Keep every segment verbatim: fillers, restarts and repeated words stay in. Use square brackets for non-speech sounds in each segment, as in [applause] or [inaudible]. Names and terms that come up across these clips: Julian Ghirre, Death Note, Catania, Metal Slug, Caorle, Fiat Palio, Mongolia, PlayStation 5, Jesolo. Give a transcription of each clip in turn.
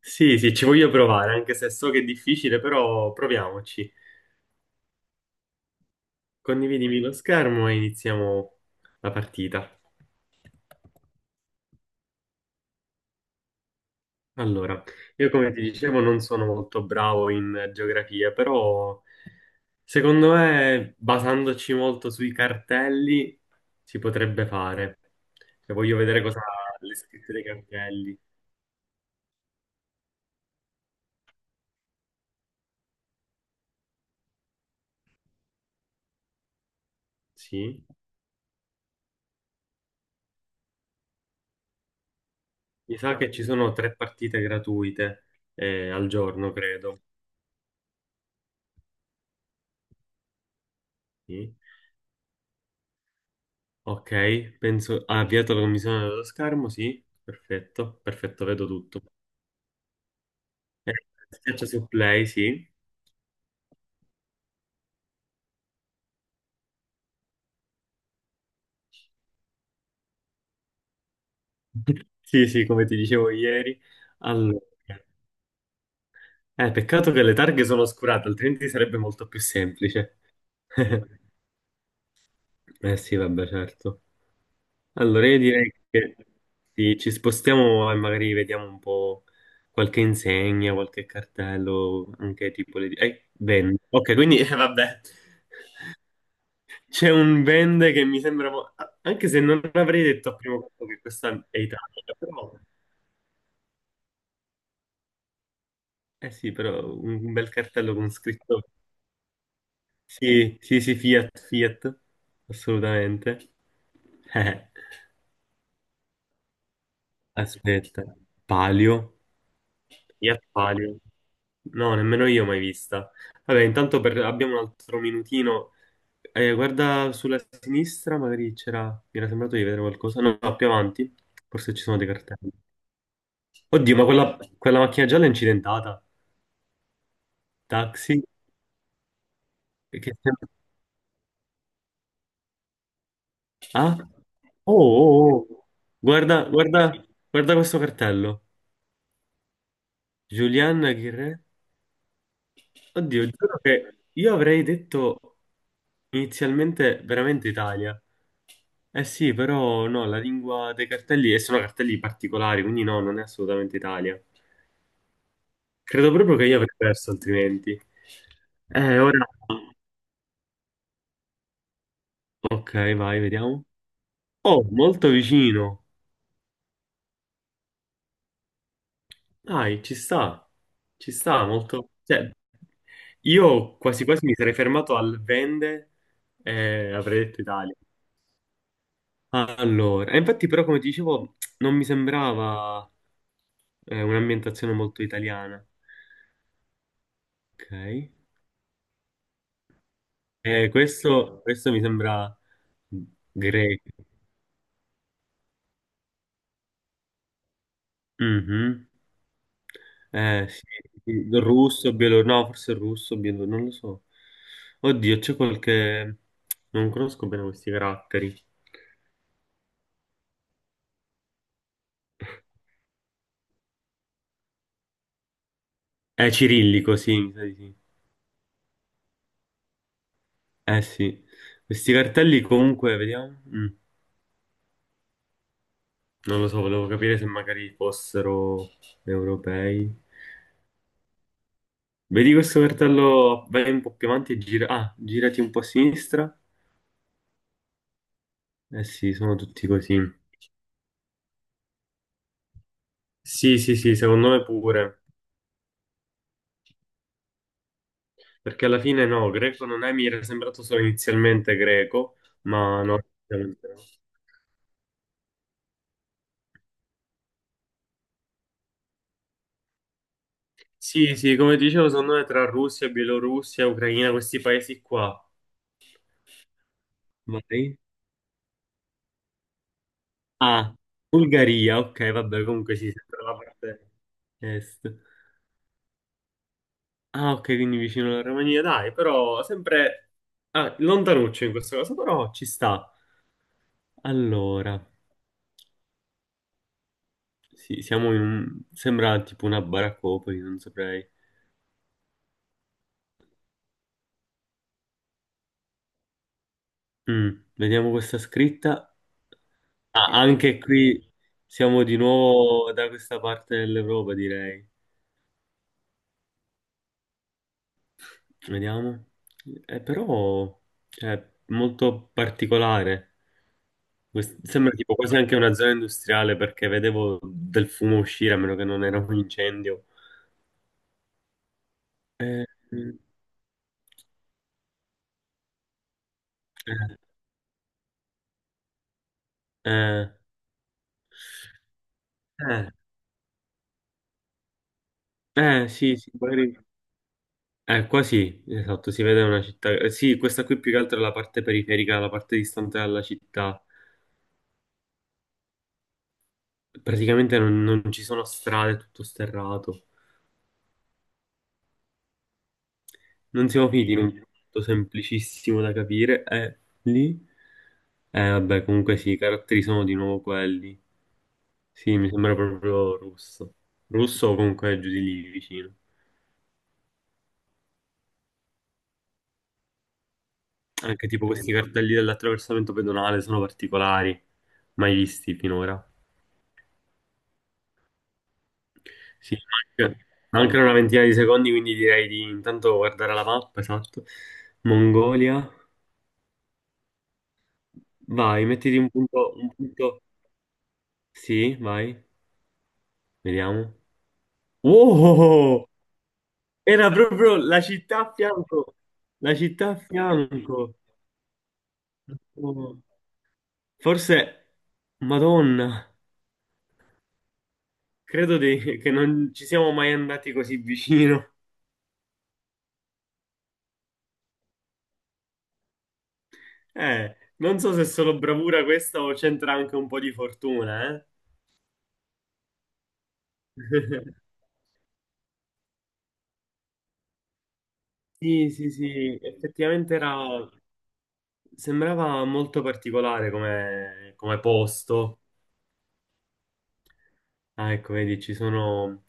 Sì, sì, ci voglio provare, anche se so che è difficile, però proviamoci. Condividimi lo schermo e iniziamo la partita. Allora, io come ti dicevo non sono molto bravo in geografia, però secondo me, basandoci molto sui cartelli, si potrebbe fare. Cioè, voglio vedere cosa ha le scritte dei cartelli. Sì, mi sa che ci sono tre partite gratuite eh, al giorno, credo. Sì. Ok, penso... Ha avviato la commissione dello schermo, sì. Perfetto, perfetto, vedo tutto. Eh, Schiaccia su play, sì. [laughs] Sì, sì, come ti dicevo ieri. Allora, eh, peccato che le targhe sono oscurate, altrimenti sarebbe molto più semplice. [laughs] Eh sì, vabbè, certo. Allora, io direi che sì, ci spostiamo e magari vediamo un po' qualche insegna, qualche cartello, anche tipo le... Eh, bene. Ok, quindi, [laughs] eh, vabbè. C'è un vende che mi sembra, mo- anche se non avrei detto a primo colpo che questa è Italia, però, eh sì, però un bel cartello con scritto sì, sì, sì, Fiat, Fiat, assolutamente. Eh, Aspetta, Palio, Fiat Palio, no, nemmeno io mai vista. Vabbè, intanto per- abbiamo un altro minutino. Eh, guarda sulla sinistra, magari c'era, mi era sembrato di vedere qualcosa, no, no, più avanti, forse ci sono dei cartelli. Oddio, ma quella, quella macchina gialla è incidentata. Taxi? Che... Ah? Oh, oh, oh. Guarda, guarda, guarda questo cartello. Julian Ghirre. Oddio, giuro che io avrei detto inizialmente veramente Italia. Eh sì, però no, la lingua dei cartelli, e sono cartelli particolari, quindi no, non è assolutamente Italia. Credo proprio che io avrei perso altrimenti. Eh, ora... Ok, vai, vediamo. Oh, molto vicino. Dai, ci sta, ci sta molto. Cioè, io quasi quasi mi sarei fermato al vende e avrei detto Italia. Allora, e infatti però come ti dicevo non mi sembrava eh, un'ambientazione molto italiana. Ok. Eh, questo, questo mi sembra greco. Mhm. Eh, sì, sì, russo, bielorusso, no, forse russo, bielorusso, non lo so. Oddio, c'è qualche... Non conosco bene questi caratteri. È cirillico, sì, mi sa di sì. Eh sì, questi cartelli comunque, vediamo. Mm, Non lo so, volevo capire se magari fossero europei. Vedi questo cartello, vai un po' più avanti e gira... Ah, girati un po' a sinistra. Eh sì, sono tutti così. Sì, sì, sì, secondo me pure. Perché alla fine no, greco non è, mi era sembrato solo inizialmente greco, ma no, effettivamente no. Sì, sì, come dicevo, secondo me tra Russia, Bielorussia, Ucraina, questi paesi qua. Vai. Ah, Bulgaria, ok, vabbè, comunque sì, sempre la parte est. Ah, ok, quindi vicino alla Romania, dai, però sempre ah, lontanuccio in questo caso, però ci sta. Allora, sì, siamo in un... sembra tipo una baraccopoli, non saprei. Mm, vediamo questa scritta. Ah, anche qui siamo di nuovo da questa parte dell'Europa, direi. Vediamo. Eh, però è molto particolare. Quest- Sembra tipo quasi anche una zona industriale perché vedevo del fumo uscire, a meno che non era un incendio. Eh, eh, eh, eh, eh, sì, sì, magari. Eh, qua sì, esatto, si vede una città. Eh, sì, questa qui più che altro è la parte periferica, la parte distante dalla città. Praticamente non, non ci sono strade, è tutto sterrato. Non siamo finiti in un Mm. punto semplicissimo da capire. E lì, eh, vabbè, comunque sì, i caratteri sono di nuovo quelli. Sì, mi sembra proprio russo. Russo o comunque giù di lì vicino. Anche tipo questi cartelli dell'attraversamento pedonale sono particolari, mai visti finora. Sì, anche, anche una ventina di secondi, quindi direi di intanto guardare la mappa, esatto. Mongolia. Vai, mettiti un punto, un punto. Sì, vai, vediamo. Wow! Era proprio la città a fianco. La città a fianco. Oh, forse, Madonna, credo di- che non ci siamo mai andati così vicino. Eh, non so se è solo bravura questa o c'entra anche un po' di fortuna, eh? [laughs] Sì, sì, sì, effettivamente era... sembrava molto particolare come, come posto. Ah, ecco, vedi, ci sono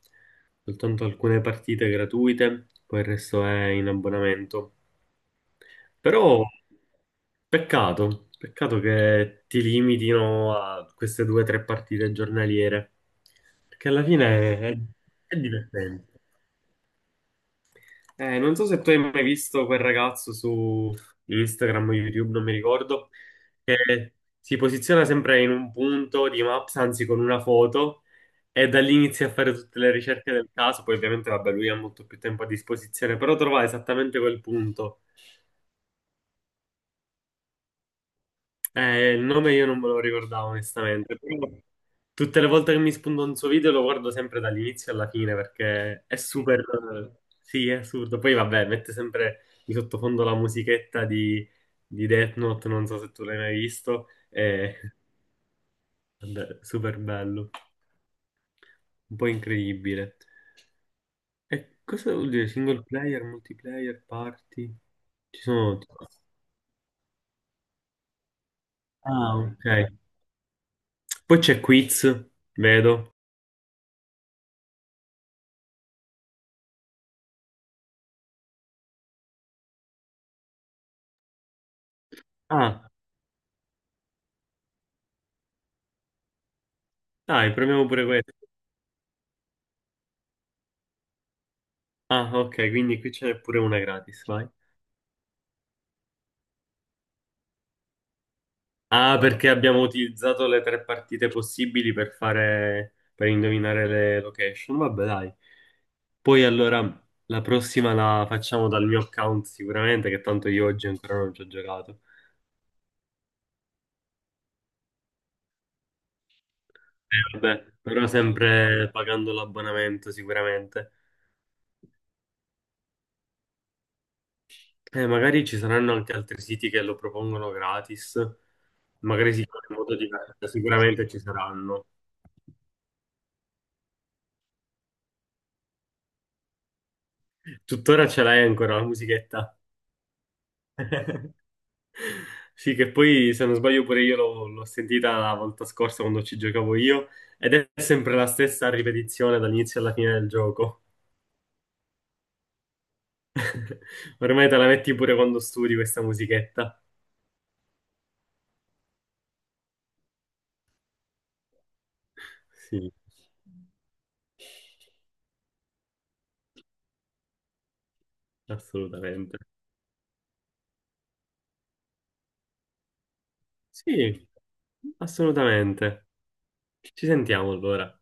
soltanto alcune partite gratuite, poi il resto è in abbonamento. Però peccato, peccato che ti limitino a queste due o tre partite giornaliere, perché alla fine è, è divertente. Eh, non so se tu hai mai visto quel ragazzo su Instagram o YouTube, non mi ricordo, che si posiziona sempre in un punto di Maps, anzi con una foto, e da lì inizia a fare tutte le ricerche del caso. Poi ovviamente, vabbè, lui ha molto più tempo a disposizione, però trova esattamente quel punto. Eh, il nome io non me lo ricordavo onestamente, però tutte le volte che mi spunto un suo video lo guardo sempre dall'inizio alla fine perché è super... Sì, è assurdo. Poi vabbè, mette sempre di sottofondo la musichetta di, di Death Note, non so se tu l'hai mai visto, è [laughs] vabbè, super bello, un po' incredibile. E cosa vuol dire? Single player, multiplayer, party? Ci sono... Ah, ok. Poi c'è quiz, vedo. Ah, dai, proviamo pure questo. Ah, ok, quindi qui ce n'è pure una gratis, vai. Ah, perché abbiamo utilizzato le tre partite possibili per fare, per indovinare le location. Vabbè, dai. Poi allora la prossima la facciamo dal mio account sicuramente, che tanto io oggi ancora non ci ho giocato. Eh, vabbè, però sempre pagando l'abbonamento sicuramente. Eh, magari ci saranno anche altri siti che lo propongono gratis. Magari si fa in modo diverso, sicuramente ci saranno. Tuttora ce l'hai ancora la musichetta? Sì, che poi se non sbaglio pure io l'ho l'ho sentita la volta scorsa quando ci giocavo io ed è sempre la stessa ripetizione dall'inizio alla fine del gioco. [laughs] Ormai te la metti pure quando studi questa musichetta. Sì, assolutamente. Sì, assolutamente. Ci sentiamo allora.